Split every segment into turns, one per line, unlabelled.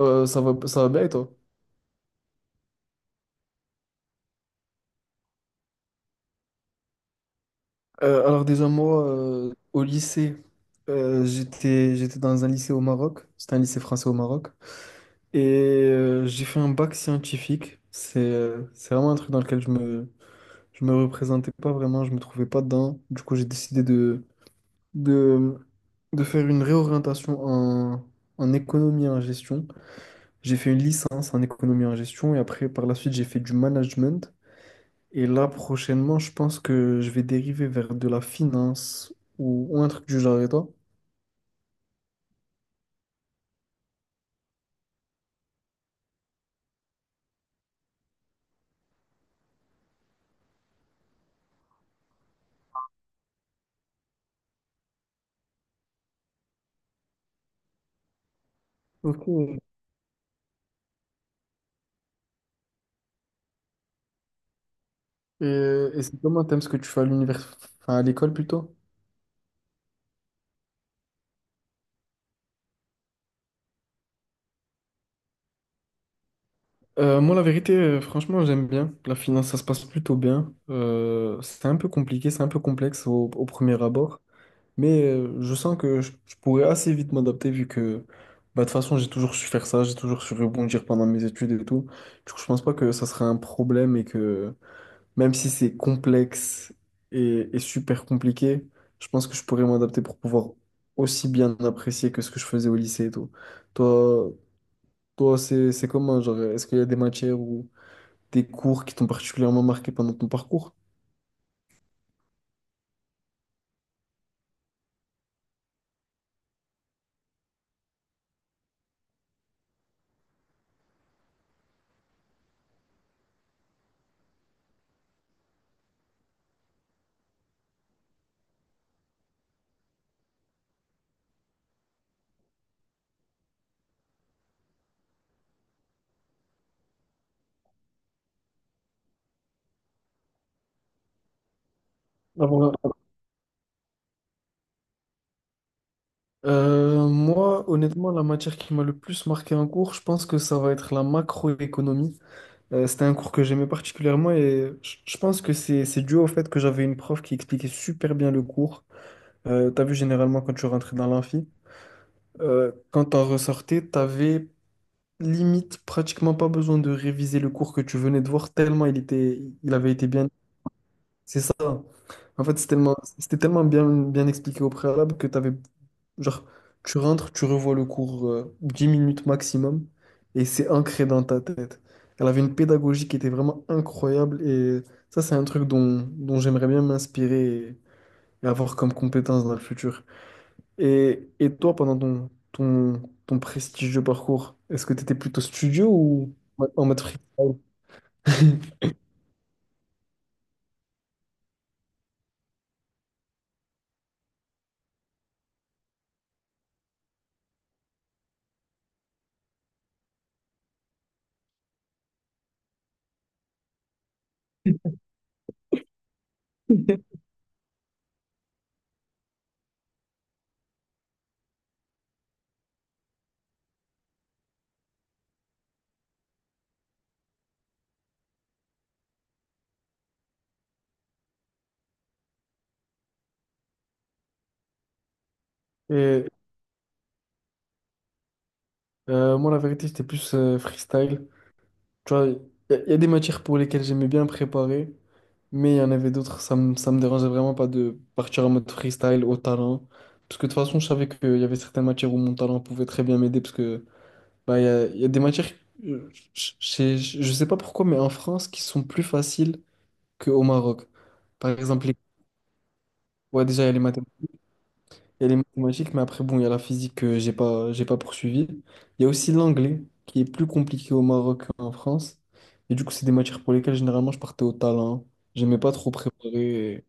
Ça va, ça va bien et toi? Alors déjà moi, au lycée, j'étais dans un lycée au Maroc, c'était un lycée français au Maroc, et j'ai fait un bac scientifique. C'est vraiment un truc dans lequel je me représentais pas vraiment, je me trouvais pas dedans. Du coup, j'ai décidé de, de faire une réorientation en économie et en gestion. J'ai fait une licence en économie et en gestion, et après, par la suite, j'ai fait du management. Et là, prochainement, je pense que je vais dériver vers de la finance ou un truc du genre. Et toi? Ok. Et c'est comment t'aimes ce que tu fais à l'univers, enfin, à l'école plutôt? Moi, la vérité, franchement, j'aime bien. La finance, ça se passe plutôt bien. C'est un peu compliqué, c'est un peu complexe au premier abord. Mais je sens que je pourrais assez vite m'adapter vu que, bah, de toute façon, j'ai toujours su faire ça, j'ai toujours su rebondir pendant mes études et tout. Du coup, je pense pas que ça serait un problème et que même si c'est complexe et super compliqué, je pense que je pourrais m'adapter pour pouvoir aussi bien apprécier que ce que je faisais au lycée et tout. Toi, Toi, c'est comment, genre, est-ce qu'il y a des matières ou des cours qui t'ont particulièrement marqué pendant ton parcours? Ah, voilà. Moi, honnêtement, la matière qui m'a le plus marqué en cours, je pense que ça va être la macroéconomie. C'était un cours que j'aimais particulièrement et je pense que c'est dû au fait que j'avais une prof qui expliquait super bien le cours. T'as vu, généralement, quand tu rentrais dans l'amphi, quand t'en ressortais, t'avais limite pratiquement pas besoin de réviser le cours que tu venais de voir, tellement il avait été bien. C'est ça. En fait, c'était tellement bien, bien expliqué au préalable que t'avais, genre, tu rentres, tu revois le cours 10 minutes maximum et c'est ancré dans ta tête. Elle avait une pédagogie qui était vraiment incroyable et ça, c'est un truc dont j'aimerais bien m'inspirer et avoir comme compétence dans le futur. Et toi, pendant ton prestigieux parcours, est-ce que tu étais plutôt studio ou ouais, en mode freestyle? Et moi, la vérité, j'étais plus freestyle. Tu vois, il y, a y a des matières pour lesquelles j'aimais bien préparer, mais il y en avait d'autres, ça me dérangeait vraiment pas de partir en mode freestyle au talent. Parce que de toute façon, je savais qu'il y avait certaines matières où mon talent pouvait très bien m'aider, parce que bah, y a des matières, euh, je, je, je sais pas pourquoi, mais en France, qui sont plus faciles qu'au Maroc. Par exemple, ouais, déjà, il y a il y a les mathématiques, mais après, bon, il y a la physique que j'ai pas poursuivie. Il y a aussi l'anglais, qui est plus compliqué au Maroc qu'en France. Et du coup, c'est des matières pour lesquelles, généralement, je partais au talent. J'aimais pas trop préparer.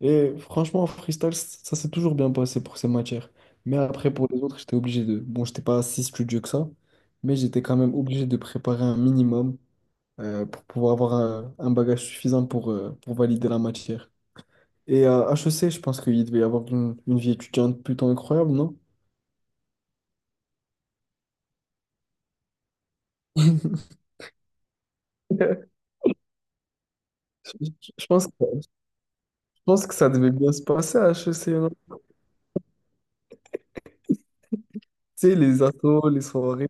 Et franchement, en freestyle, ça s'est toujours bien passé pour ces matières. Mais après, pour les autres, j'étais obligé de... Bon, j'étais pas si studieux que ça, mais j'étais quand même obligé de préparer un minimum pour pouvoir avoir un bagage suffisant pour valider la matière. Et à HEC, je pense qu'il devait y avoir une vie étudiante plutôt incroyable, non? Je, je pense que, je pense que ça devait bien se passer à HEC, non? Tu sais, les assos, les soirées.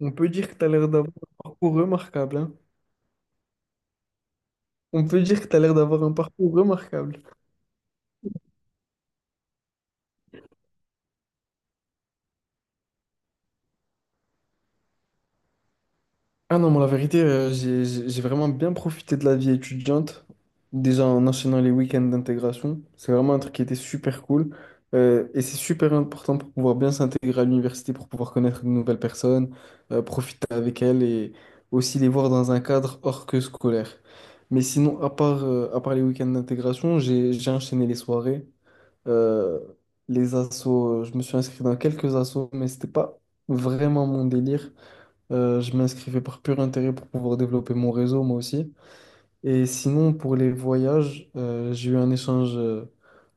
On peut dire que tu as l'air d'avoir un parcours remarquable, hein? On peut dire que tu as l'air d'avoir un parcours remarquable. Ah non, moi, la vérité, j'ai vraiment bien profité de la vie étudiante, déjà en enchaînant les week-ends d'intégration. C'est vraiment un truc qui était super cool. Et c'est super important pour pouvoir bien s'intégrer à l'université, pour pouvoir connaître de nouvelles personnes, profiter avec elles et aussi les voir dans un cadre hors que scolaire. Mais sinon, à part les week-ends d'intégration, j'ai enchaîné les soirées, euh, les assos. Je me suis inscrit dans quelques assos, mais c'était pas vraiment mon délire. Je m'inscrivais par pur intérêt pour pouvoir développer mon réseau, moi aussi. Et sinon, pour les voyages, j'ai eu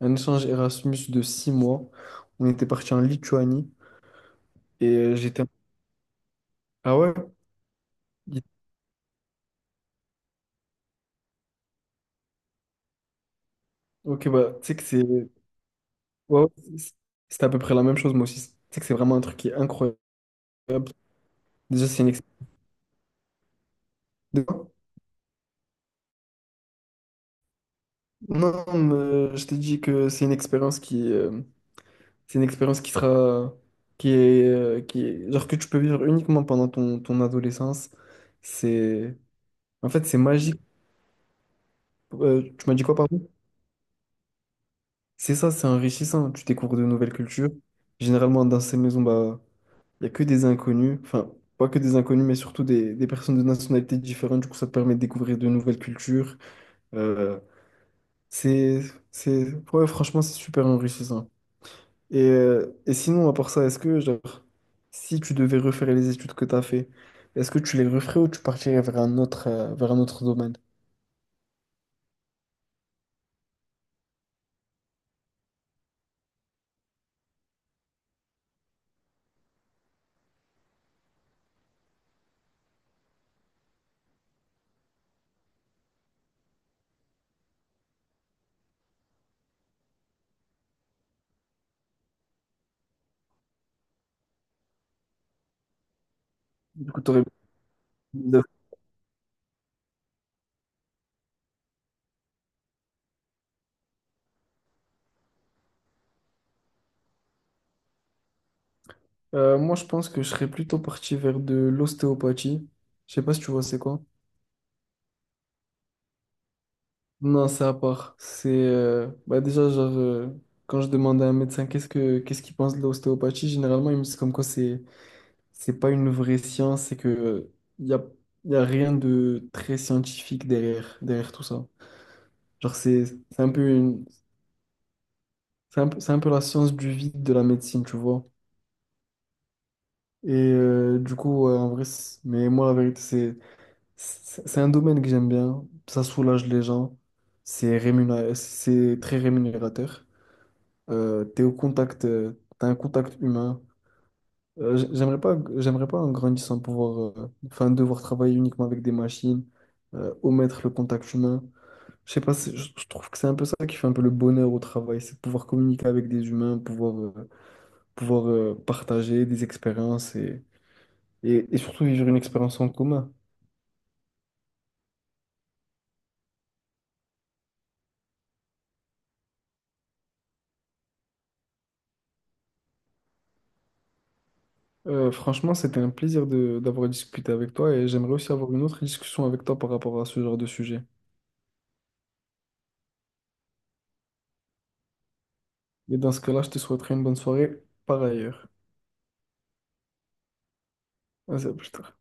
un échange Erasmus de six mois. On était parti en Lituanie et j'étais... Ah ouais? Il- Ok, bah, tu sais que c'est... ouais, ouais, c'est c'est à peu près la même chose, moi aussi. Tu sais que c'est vraiment un truc qui est incroyable. Déjà, c'est une... expérience... Non, non, mais je t'ai dit que c'est une expérience c'est une expérience qui est, genre que tu peux vivre uniquement pendant ton adolescence. C'est, en fait, c'est magique. Tu m'as dit quoi, pardon? C'est ça, c'est enrichissant. Tu découvres de nouvelles cultures. Généralement, dans ces maisons, bah, il y a que des inconnus. Enfin, pas que des inconnus, mais surtout des personnes de nationalités différentes. Du coup, ça te permet de découvrir de nouvelles cultures. Euh, c'est, c'est, ouais, franchement, c'est super enrichissant. Et sinon, à part ça, est-ce que, genre, si tu devais refaire les études que tu as fait, est-ce que tu les referais ou tu partirais vers un autre domaine? Du coup, t'aurais- moi, je pense que je serais plutôt parti vers de l'ostéopathie. Je sais pas si tu vois c'est quoi. Non, c'est à part. C'est Bah déjà quand je demande à un médecin qu'est-ce qu'il pense de l'ostéopathie, généralement il me dit comme quoi c'est pas une vraie science, c'est que il y a, y a rien de très scientifique derrière tout ça. Genre, c'est un peu une, c'est un peu la science du vide de la médecine, tu vois. Et du coup, ouais, en vrai, mais moi, la vérité, c'est un domaine que j'aime bien. Ça soulage les gens. C'est très rémunérateur. Euh, t'es au contact, euh, T'as un contact humain. J'aimerais pas en grandissant pouvoir, enfin, devoir travailler uniquement avec des machines, omettre le contact humain. Je sais pas, je trouve que c'est un peu ça qui fait un peu le bonheur au travail, c'est de pouvoir communiquer avec des humains, pouvoir partager des expériences et surtout vivre une expérience en commun. Franchement, c'était un plaisir d'avoir discuté avec toi et j'aimerais aussi avoir une autre discussion avec toi par rapport à ce genre de sujet. Et dans ce cas-là, je te souhaiterais une bonne soirée par ailleurs. À plus tard.